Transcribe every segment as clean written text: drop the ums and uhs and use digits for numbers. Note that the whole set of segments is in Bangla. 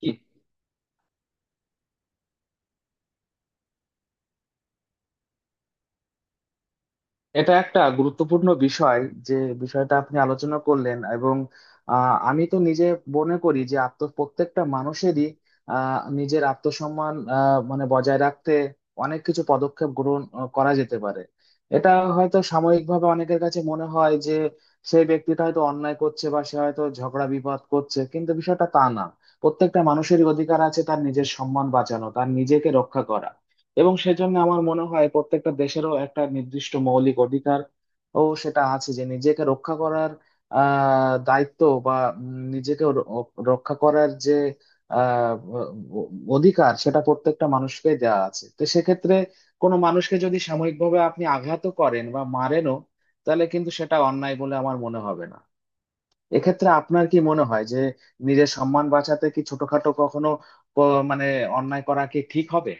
কি- এটা একটা গুরুত্বপূর্ণ বিষয় যে বিষয়টা আপনি আলোচনা করলেন। এবং আমি তো নিজে মনে করি যে আত্ম প্রত্যেকটা মানুষেরই নিজের আত্মসম্মান মানে বজায় রাখতে অনেক কিছু পদক্ষেপ গ্রহণ করা যেতে পারে। এটা হয়তো সাময়িকভাবে অনেকের কাছে মনে হয় যে সেই ব্যক্তিটা হয়তো অন্যায় করছে বা সে হয়তো ঝগড়া বিবাদ করছে, কিন্তু বিষয়টা তা না। প্রত্যেকটা মানুষেরই অধিকার আছে তার নিজের সম্মান বাঁচানো, তার নিজেকে রক্ষা করা। এবং সেজন্য আমার মনে হয় প্রত্যেকটা দেশেরও একটা নির্দিষ্ট মৌলিক অধিকার ও সেটা আছে যে নিজেকে রক্ষা করার দায়িত্ব বা নিজেকে রক্ষা করার যে আহ অধিকার সেটা প্রত্যেকটা মানুষকে দেওয়া আছে। তো সেক্ষেত্রে কোনো মানুষকে যদি সাময়িকভাবে আপনি আঘাতও করেন বা মারেনও, তাহলে কিন্তু সেটা অন্যায় বলে আমার মনে হবে না। এক্ষেত্রে আপনার কি মনে হয় যে নিজের সম্মান বাঁচাতে কি ছোটখাটো কখনো মানে অন্যায় করা কি ঠিক হবে?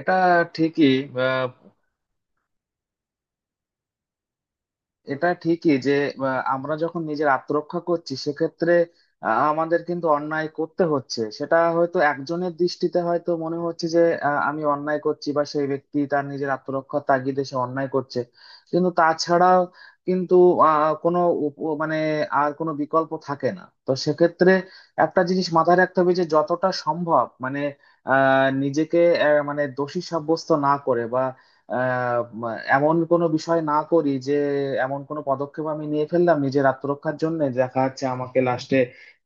এটা ঠিকই। আহ, এটা ঠিকই যে আহ, আমরা যখন নিজের আত্মরক্ষা করছি সেক্ষেত্রে আমাদের কিন্তু অন্যায় করতে হচ্ছে। সেটা হয়তো একজনের দৃষ্টিতে হয়তো মনে হচ্ছে যে আমি অন্যায় করছি, বা সেই ব্যক্তি তার নিজের আত্মরক্ষার তাগিদে সে অন্যায় করছে। কিন্তু তাছাড়াও কিন্তু কোনো মানে আর কোনো বিকল্প থাকে না, তো সেক্ষেত্রে একটা জিনিস মাথায় রাখতে হবে যে যতটা সম্ভব মানে নিজেকে মানে দোষী সাব্যস্ত না করে বা আহ, এমন কোনো বিষয় না করি যে এমন কোনো পদক্ষেপ আমি নিয়ে ফেললাম নিজের আত্মরক্ষার জন্য, দেখা যাচ্ছে আমাকে লাস্টে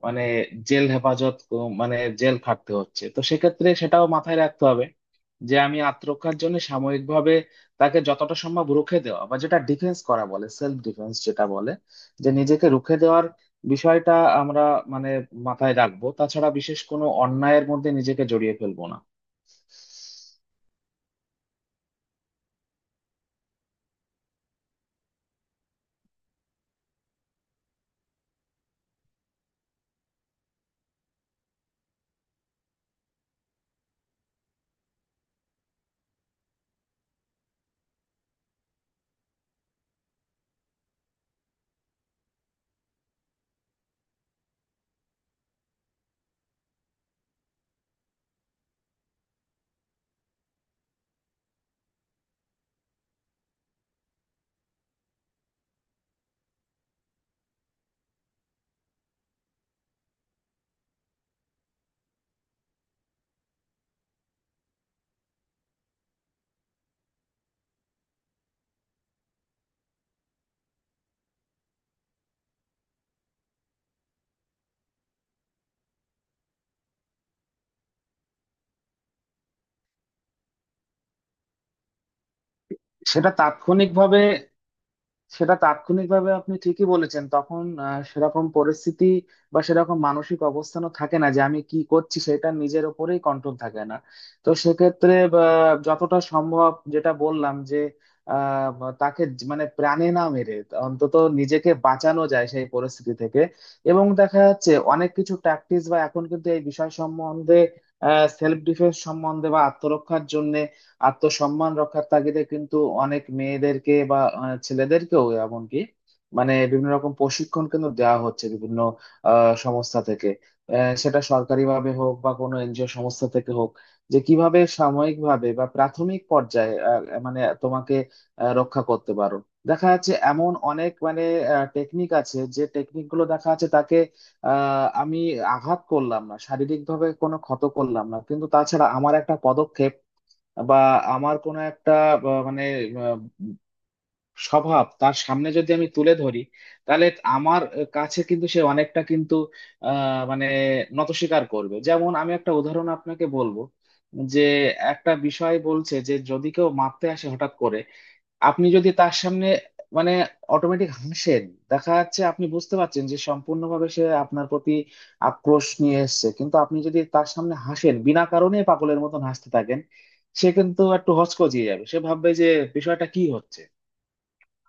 মানে জেল হেফাজত মানে জেল খাটতে হচ্ছে। তো সেক্ষেত্রে সেটাও মাথায় রাখতে হবে যে আমি আত্মরক্ষার জন্য সাময়িকভাবে তাকে যতটা সম্ভব রুখে দেওয়া, বা যেটা ডিফেন্স করা বলে, সেলফ ডিফেন্স যেটা বলে, যে নিজেকে রুখে দেওয়ার বিষয়টা আমরা মানে মাথায় রাখবো, তাছাড়া বিশেষ কোনো অন্যায়ের মধ্যে নিজেকে জড়িয়ে ফেলবো না। সেটা তাৎক্ষণিকভাবে সেটা তাৎক্ষণিকভাবে আপনি ঠিকই বলেছেন। তখন সেরকম পরিস্থিতি বা সেরকম মানসিক অবস্থানও থাকে না যে আমি কি করছি, সেটা নিজের ওপরেই কন্ট্রোল থাকে না। তো সেক্ষেত্রে বা, যতটা সম্ভব যেটা বললাম যে বা তাকে মানে প্রাণে না মেরে অন্তত নিজেকে বাঁচানো যায় সেই পরিস্থিতি থেকে। এবং দেখা যাচ্ছে অনেক কিছু প্র্যাকটিস বা এখন কিন্তু এই বিষয় সম্বন্ধে, সেলফ ডিফেন্স সম্বন্ধে, বা আত্মরক্ষার জন্য, আত্মসম্মান রক্ষার তাগিদে কিন্তু অনেক মেয়েদেরকে বা ছেলেদেরকেও এমনকি মানে বিভিন্ন রকম প্রশিক্ষণ কিন্তু দেওয়া হচ্ছে বিভিন্ন সংস্থা থেকে, সেটা সরকারি ভাবে হোক বা কোনো এনজিও সংস্থা থেকে হোক, যে কিভাবে সাময়িক ভাবে বা প্রাথমিক পর্যায়ে মানে তোমাকে রক্ষা করতে পারো। দেখা যাচ্ছে এমন অনেক মানে টেকনিক আছে যে টেকনিক গুলো দেখা যাচ্ছে তাকে আহ আমি আঘাত করলাম না, শারীরিক ভাবে কোনো ক্ষত করলাম না, কিন্তু তাছাড়া আমার একটা পদক্ষেপ বা আমার কোনো একটা মানে আহ, স্বভাব তার সামনে যদি আমি তুলে ধরি, তাহলে আমার কাছে কিন্তু সে অনেকটা কিন্তু আহ, মানে নতস্বীকার করবে। যেমন আমি একটা উদাহরণ আপনাকে বলবো যে একটা বিষয় বলছে যে যদি কেউ মারতে আসে হঠাৎ করে, আপনি যদি তার সামনে মানে অটোমেটিক হাসেন, দেখা যাচ্ছে আপনি বুঝতে পারছেন যে সম্পূর্ণভাবে সে আপনার প্রতি আক্রোশ নিয়ে এসেছে, কিন্তু আপনি যদি তার সামনে হাসেন বিনা কারণে পাগলের মতন হাসতে থাকেন, সে কিন্তু একটু হকচকিয়ে যাবে। সে ভাববে যে বিষয়টা কি হচ্ছে,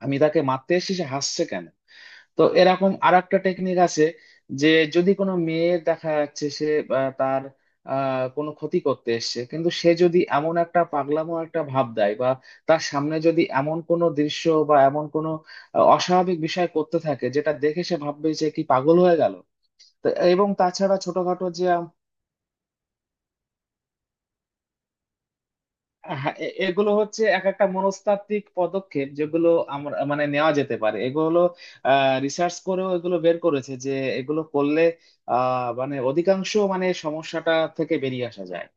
আমি তাকে মারতে এসেছি সে হাসছে কেন। তো এরকম আর একটা টেকনিক আছে, যে যদি কোনো মেয়ের দেখা যাচ্ছে সে তার কোনো ক্ষতি করতে এসছে, কিন্তু সে যদি এমন একটা পাগলামো একটা ভাব দেয় বা তার সামনে যদি এমন কোনো দৃশ্য বা এমন কোনো অস্বাভাবিক বিষয় করতে থাকে, যেটা দেখে সে ভাববে যে কি পাগল হয়ে গেল। তো এবং তাছাড়া ছোটখাটো যে হ্যাঁ, এগুলো হচ্ছে এক একটা মনস্তাত্ত্বিক পদক্ষেপ যেগুলো আমরা মানে নেওয়া যেতে পারে। এগুলো রিসার্চ করেও এগুলো বের করেছে যে এগুলো করলে মানে অধিকাংশ মানে সমস্যাটা থেকে বেরিয়ে আসা যায়।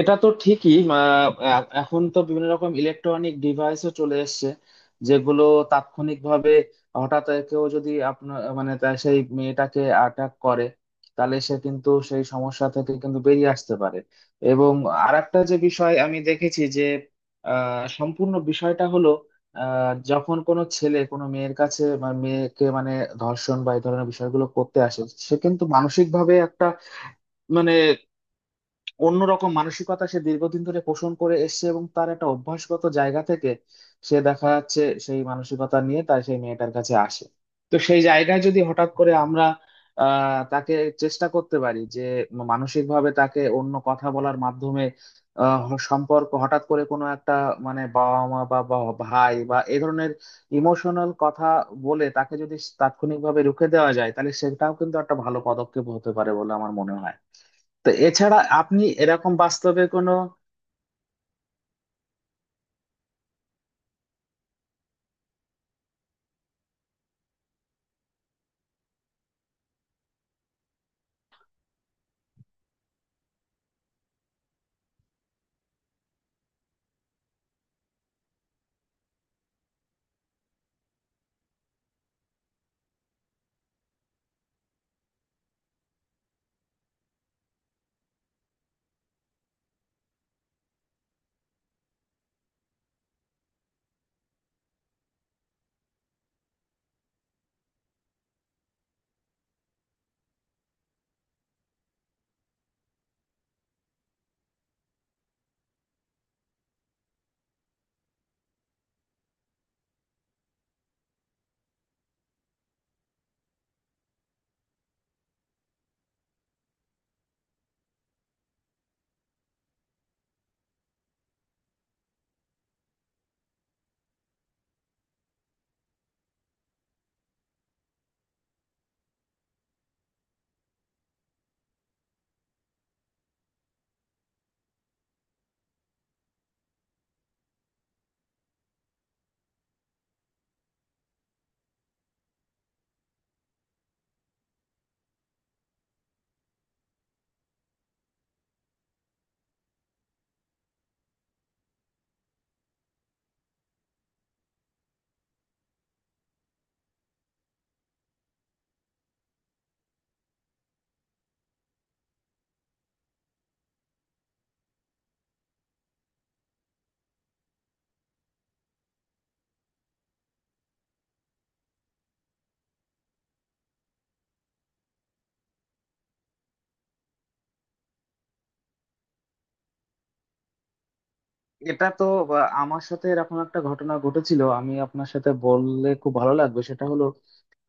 এটা তো ঠিকই এখন তো বিভিন্ন রকম ইলেকট্রনিক ডিভাইসও চলে এসেছে যেগুলো তাৎক্ষণিকভাবে হঠাৎ কেউ যদি আপনার মানে তার সেই মেয়েটাকে অ্যাটাক করে, তাহলে সে কিন্তু সেই সমস্যা থেকে কিন্তু বেরিয়ে আসতে পারে। এবং আরেকটা যে বিষয় আমি দেখেছি যে সম্পূর্ণ বিষয়টা হলো যখন কোনো ছেলে কোনো মেয়ের কাছে বা মেয়েকে মানে ধর্ষণ বা এই ধরনের বিষয়গুলো করতে আসে, সে কিন্তু মানসিকভাবে একটা মানে অন্যরকম মানসিকতা সে দীর্ঘদিন ধরে পোষণ করে এসছে, এবং তার একটা অভ্যাসগত জায়গা থেকে সে দেখা যাচ্ছে সেই মানসিকতা নিয়ে তার সেই মেয়েটার কাছে আসে। তো সেই জায়গায় যদি হঠাৎ করে আমরা তাকে চেষ্টা করতে পারি যে মানসিকভাবে তাকে অন্য কথা বলার মাধ্যমে সম্পর্ক হঠাৎ করে কোনো একটা মানে বাবা মা বা বা ভাই বা এ ধরনের ইমোশনাল কথা বলে তাকে যদি তাৎক্ষণিকভাবে রুখে দেওয়া যায়, তাহলে সেটাও কিন্তু একটা ভালো পদক্ষেপ হতে পারে বলে আমার মনে হয়। তো এছাড়া আপনি এরকম বাস্তবে কোনো এটা তো বা আমার সাথে এরকম একটা ঘটনা ঘটেছিল আমি আপনার সাথে বললে খুব ভালো লাগবে। সেটা হলো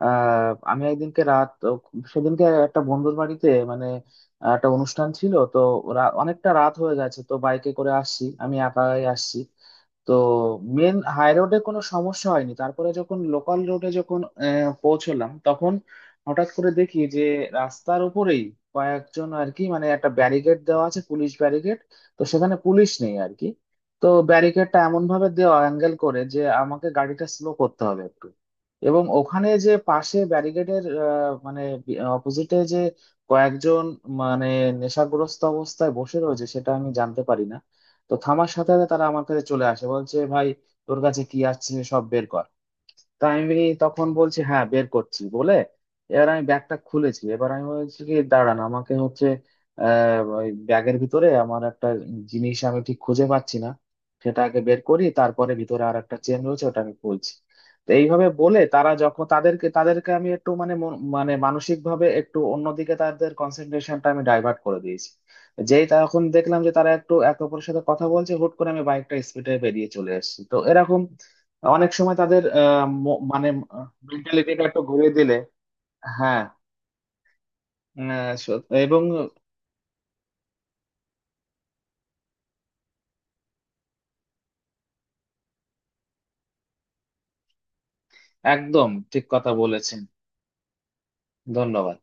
আমি একদিনকে রাত সেদিনকে একটা বন্ধুর বাড়িতে মানে একটা অনুষ্ঠান ছিল তো অনেকটা রাত হয়ে গেছে, তো বাইকে করে আসছি, আমি একাই আসছি। তো মেন হাই রোডে কোনো সমস্যা হয়নি, তারপরে যখন লোকাল রোডে যখন পৌঁছলাম তখন হঠাৎ করে দেখি যে রাস্তার উপরেই কয়েকজন আর কি মানে একটা ব্যারিকেড দেওয়া আছে, পুলিশ ব্যারিকেড। তো সেখানে পুলিশ নেই আর কি। তো ব্যারিকেডটা এমন ভাবে দেওয়া অ্যাঙ্গেল করে যে আমাকে গাড়িটা স্লো করতে হবে, এবং ওখানে যে পাশে ব্যারিকেডের মানে অপোজিটে যে কয়েকজন মানে নেশাগ্রস্ত অবস্থায় বসে রয়েছে সেটা আমি জানতে পারি না। তো থামার সাথে সাথে তারা আমার কাছে চলে আসে, বলছে ভাই, তোর কাছে কি আছে সব বের কর। তা আমি তখন বলছি হ্যাঁ বের করছি বলে, এবার আমি ব্যাগটা খুলেছি। এবার আমি বলছি কি দাঁড়ান আমাকে হচ্ছে ওই ব্যাগের ভিতরে আমার একটা জিনিস আমি ঠিক খুঁজে পাচ্ছি না, সেটা আগে বের করি, তারপরে ভিতরে আর একটা চেন রয়েছে ওটা আমি খুলছি। তো এইভাবে বলে তারা যখন তাদেরকে তাদেরকে আমি একটু মানে মানে মানসিক ভাবে একটু অন্যদিকে তাদের কনসেন্ট্রেশনটা আমি ডাইভার্ট করে দিয়েছি। যেই তখন দেখলাম যে তারা একটু একে অপরের সাথে কথা বলছে, হুট করে আমি বাইকটা স্পিডে বেরিয়ে চলে এসেছি। তো এরকম অনেক সময় তাদের মানে মেন্টালিটিটা একটু ঘুরিয়ে দিলে হ্যাঁ এবং একদম ঠিক কথা বলেছেন। ধন্যবাদ।